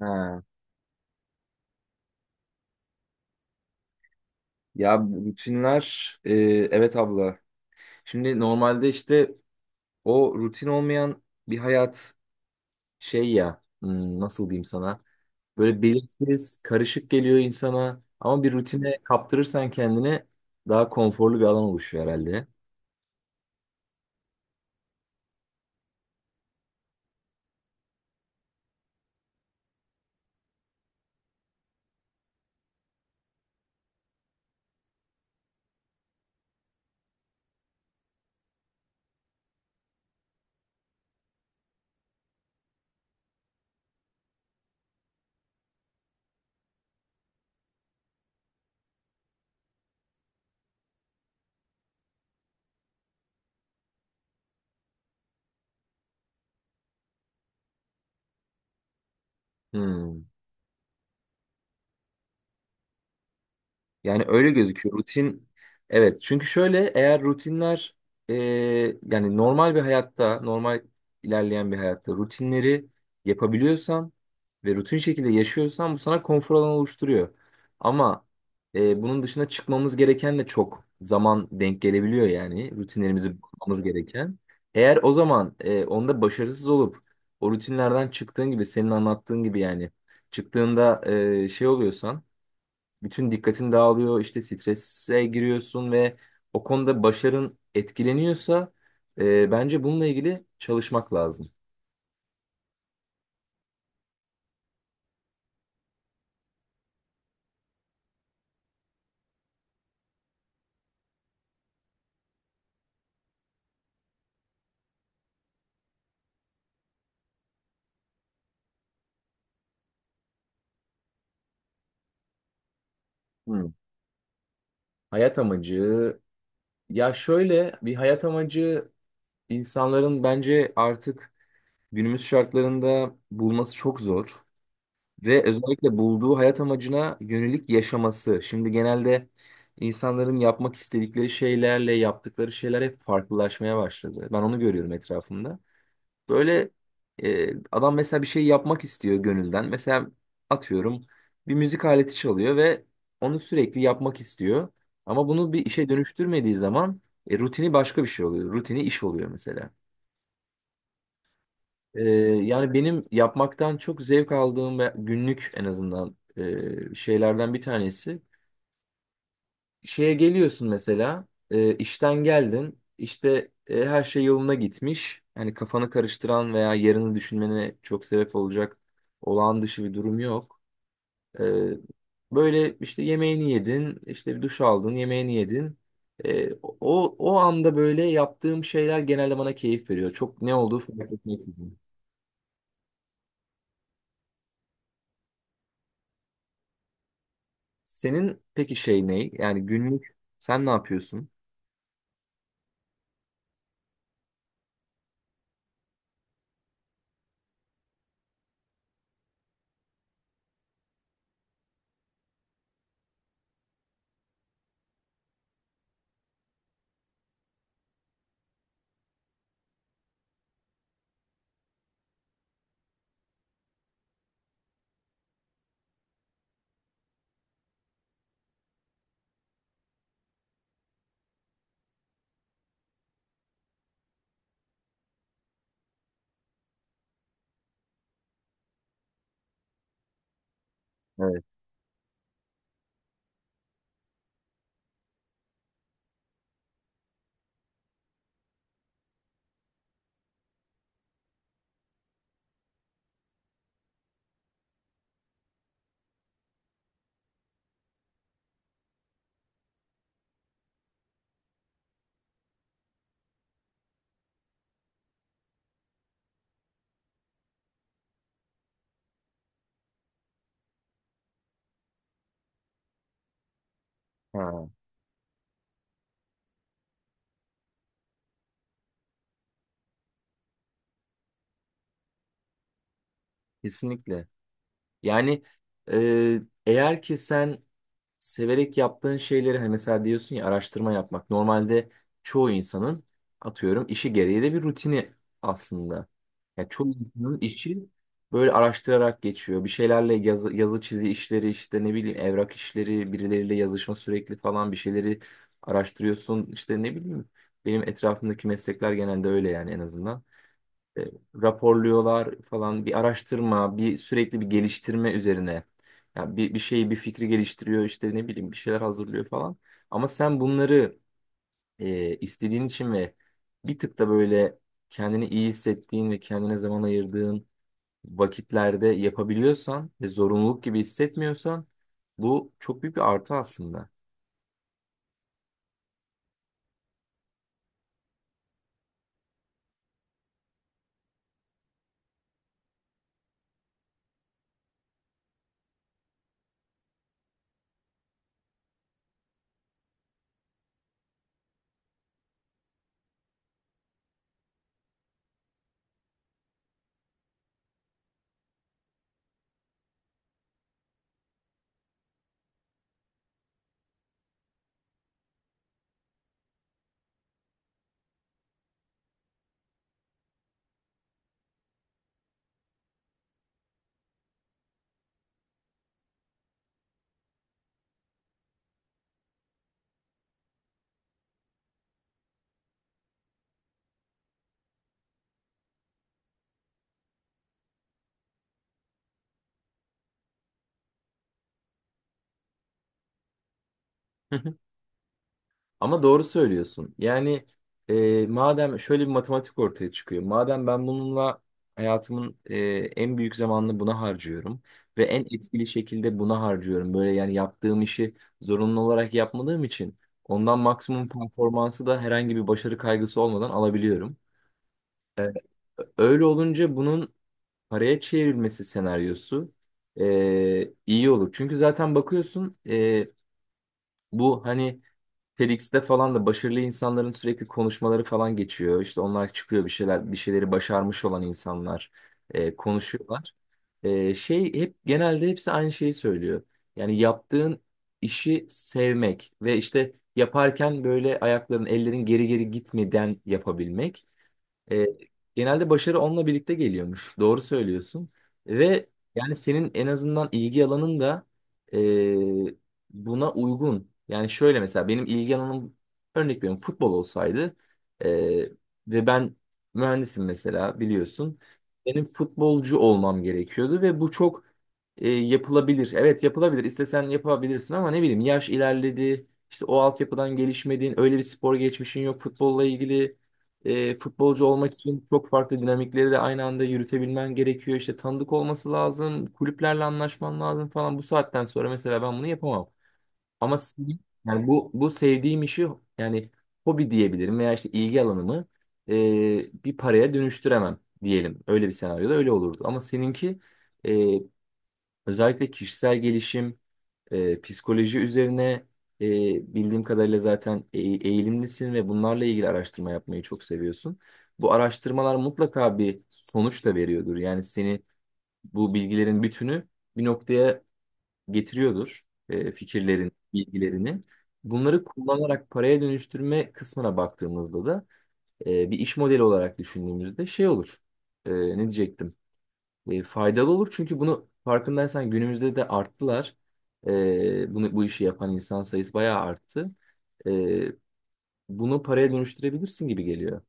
Ha. Ya rutinler evet abla. Şimdi normalde işte o rutin olmayan bir hayat şey ya nasıl diyeyim sana böyle belirsiz karışık geliyor insana ama bir rutine kaptırırsan kendini daha konforlu bir alan oluşuyor herhalde. Hmm. Yani öyle gözüküyor. Rutin evet çünkü şöyle eğer rutinler e, yani normal bir hayatta normal ilerleyen bir hayatta rutinleri yapabiliyorsan ve rutin şekilde yaşıyorsan bu sana konfor alanı oluşturuyor. Ama bunun dışına çıkmamız gereken de çok zaman denk gelebiliyor yani rutinlerimizi bulmamız gereken. Eğer o zaman onda başarısız olup o rutinlerden çıktığın gibi senin anlattığın gibi yani çıktığında şey oluyorsan bütün dikkatin dağılıyor, işte strese giriyorsun ve o konuda başarın etkileniyorsa bence bununla ilgili çalışmak lazım. Hmm. Hayat amacı ya şöyle bir hayat amacı insanların bence artık günümüz şartlarında bulması çok zor ve özellikle bulduğu hayat amacına yönelik yaşaması. Şimdi genelde insanların yapmak istedikleri şeylerle yaptıkları şeyler hep farklılaşmaya başladı. Ben onu görüyorum etrafımda. Böyle adam mesela bir şey yapmak istiyor gönülden. Mesela atıyorum bir müzik aleti çalıyor ve onu sürekli yapmak istiyor. Ama bunu bir işe dönüştürmediği zaman rutini başka bir şey oluyor. Rutini iş oluyor mesela. E, Yani benim yapmaktan çok zevk aldığım ve günlük en azından şeylerden bir tanesi şeye geliyorsun mesela işten geldin işte her şey yoluna gitmiş yani kafanı karıştıran veya yarını düşünmene çok sebep olacak olağan dışı bir durum yok. E, Böyle işte yemeğini yedin işte bir duş aldın yemeğini yedin. O anda böyle yaptığım şeyler genelde bana keyif veriyor çok ne olduğu fark etmeksizin. Senin peki şey ne yani günlük sen ne yapıyorsun? Evet. Ha, kesinlikle. Yani eğer ki sen severek yaptığın şeyleri hani mesela diyorsun ya araştırma yapmak normalde çoğu insanın atıyorum işi gereği de bir rutini aslında. Yani çoğu insanın işi böyle araştırarak geçiyor. Bir şeylerle yazı, yazı çizi işleri işte ne bileyim evrak işleri birileriyle yazışma sürekli falan bir şeyleri araştırıyorsun işte ne bileyim benim etrafımdaki meslekler genelde öyle yani en azından e, raporluyorlar falan bir araştırma, bir sürekli bir geliştirme üzerine. Yani bir, bir şeyi, bir fikri geliştiriyor işte ne bileyim bir şeyler hazırlıyor falan. Ama sen bunları istediğin için ve bir tık da böyle kendini iyi hissettiğin ve kendine zaman ayırdığın vakitlerde yapabiliyorsan ve zorunluluk gibi hissetmiyorsan bu çok büyük bir artı aslında. Ama doğru söylüyorsun. Yani madem şöyle bir matematik ortaya çıkıyor. Madem ben bununla hayatımın en büyük zamanını buna harcıyorum ve en etkili şekilde buna harcıyorum. Böyle yani yaptığım işi zorunlu olarak yapmadığım için ondan maksimum performansı da herhangi bir başarı kaygısı olmadan alabiliyorum. E, Öyle olunca bunun paraya çevrilmesi senaryosu iyi olur. Çünkü zaten bakıyorsun bu hani TEDx'te falan da başarılı insanların sürekli konuşmaları falan geçiyor. İşte onlar çıkıyor bir şeyler, bir şeyleri başarmış olan insanlar konuşuyorlar. Şey hep genelde hepsi aynı şeyi söylüyor. Yani yaptığın işi sevmek ve işte yaparken böyle ayakların, ellerin geri geri gitmeden yapabilmek. E, Genelde başarı onunla birlikte geliyormuş. Doğru söylüyorsun. Ve yani senin en azından ilgi alanın da e, buna uygun. Yani şöyle mesela benim ilgi alanım örnek veriyorum futbol olsaydı e, ve ben mühendisim mesela biliyorsun. Benim futbolcu olmam gerekiyordu ve bu çok yapılabilir. Evet yapılabilir. İstesen yapabilirsin ama ne bileyim yaş ilerledi. İşte o altyapıdan gelişmediğin, öyle bir spor geçmişin yok futbolla ilgili. E, futbolcu olmak için çok farklı dinamikleri de aynı anda yürütebilmen gerekiyor. İşte tanıdık olması lazım, kulüplerle anlaşman lazım falan. Bu saatten sonra mesela ben bunu yapamam. Ama yani bu sevdiğim işi yani hobi diyebilirim veya işte ilgi alanımı e, bir paraya dönüştüremem diyelim. Öyle bir senaryoda öyle olurdu. Ama seninki e, özellikle kişisel gelişim psikoloji üzerine e, bildiğim kadarıyla zaten eğilimlisin ve bunlarla ilgili araştırma yapmayı çok seviyorsun. Bu araştırmalar mutlaka bir sonuç da veriyordur. Yani seni bu bilgilerin bütünü bir noktaya getiriyordur. E, fikirlerin, bilgilerini. Bunları kullanarak paraya dönüştürme kısmına baktığımızda da bir iş modeli olarak düşündüğümüzde şey olur. E, ne diyecektim? Faydalı olur çünkü bunu farkındaysan günümüzde de arttılar. Bunu bu işi yapan insan sayısı bayağı arttı. E, Bunu paraya dönüştürebilirsin gibi geliyor.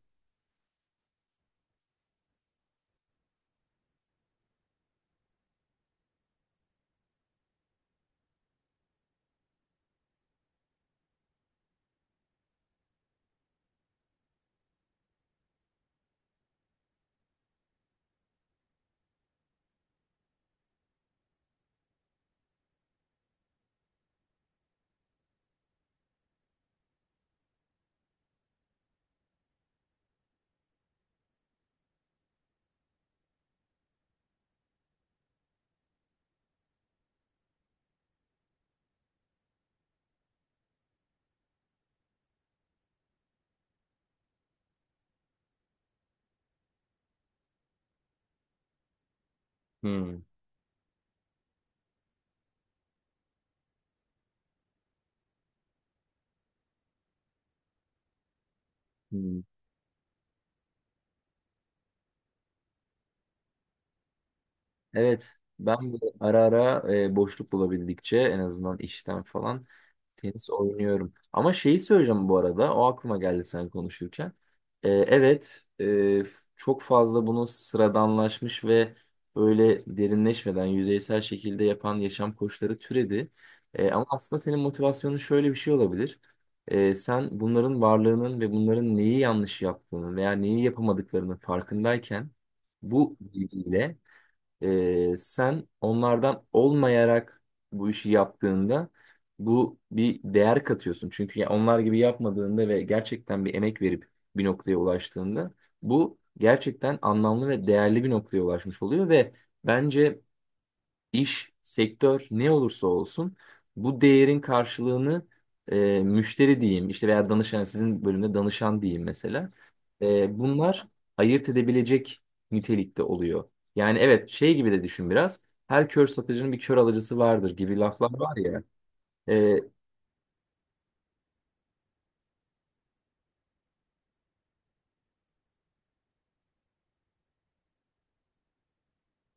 Hmm. Hmm. Evet, ben bu ara ara boşluk bulabildikçe en azından işten falan. Tenis oynuyorum. Ama şeyi söyleyeceğim bu arada. O aklıma geldi sen konuşurken. Evet, çok fazla bunu sıradanlaşmış ve öyle derinleşmeden yüzeysel şekilde yapan yaşam koçları türedi. Ama aslında senin motivasyonun şöyle bir şey olabilir. Sen bunların varlığının ve bunların neyi yanlış yaptığını veya neyi yapamadıklarının farkındayken bu bilgiyle sen onlardan olmayarak bu işi yaptığında bu bir değer katıyorsun. Çünkü ya onlar gibi yapmadığında ve gerçekten bir emek verip bir noktaya ulaştığında bu gerçekten anlamlı ve değerli bir noktaya ulaşmış oluyor ve bence iş, sektör ne olursa olsun bu değerin karşılığını müşteri diyeyim işte veya danışan sizin bölümde danışan diyeyim mesela. E, bunlar ayırt edebilecek nitelikte oluyor. Yani evet şey gibi de düşün biraz. Her kör satıcının bir kör alıcısı vardır gibi laflar var ya. E,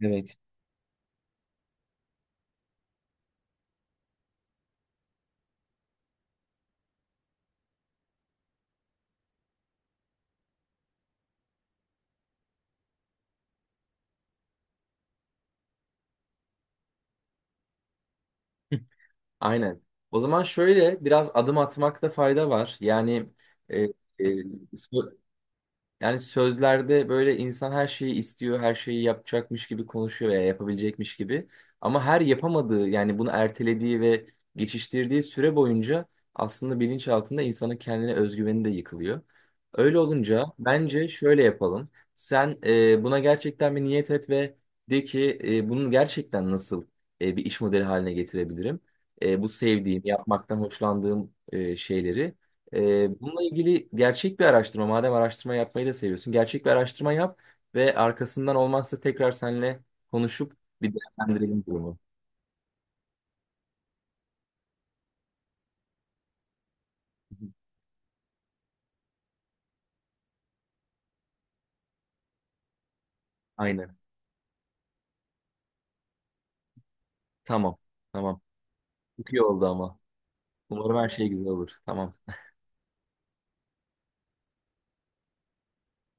Evet. Hı. Aynen. O zaman şöyle biraz adım atmakta fayda var. Yani e, e, so- yani sözlerde böyle insan her şeyi istiyor, her şeyi yapacakmış gibi konuşuyor veya yapabilecekmiş gibi. Ama her yapamadığı yani bunu ertelediği ve geçiştirdiği süre boyunca aslında bilinç altında insanın kendine özgüveni de yıkılıyor. Öyle olunca bence şöyle yapalım. Sen buna gerçekten bir niyet et ve de ki bunu gerçekten nasıl bir iş modeli haline getirebilirim? Bu sevdiğim, yapmaktan hoşlandığım şeyleri. Bununla ilgili gerçek bir araştırma, madem araştırma yapmayı da seviyorsun, gerçek bir araştırma yap ve arkasından olmazsa tekrar seninle konuşup bir değerlendirelim durumu. Hı. Aynen. Tamam. Tamam. Çok iyi oldu ama. Umarım her şey güzel olur. Tamam.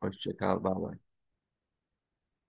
Hoşça kal. Bay bay.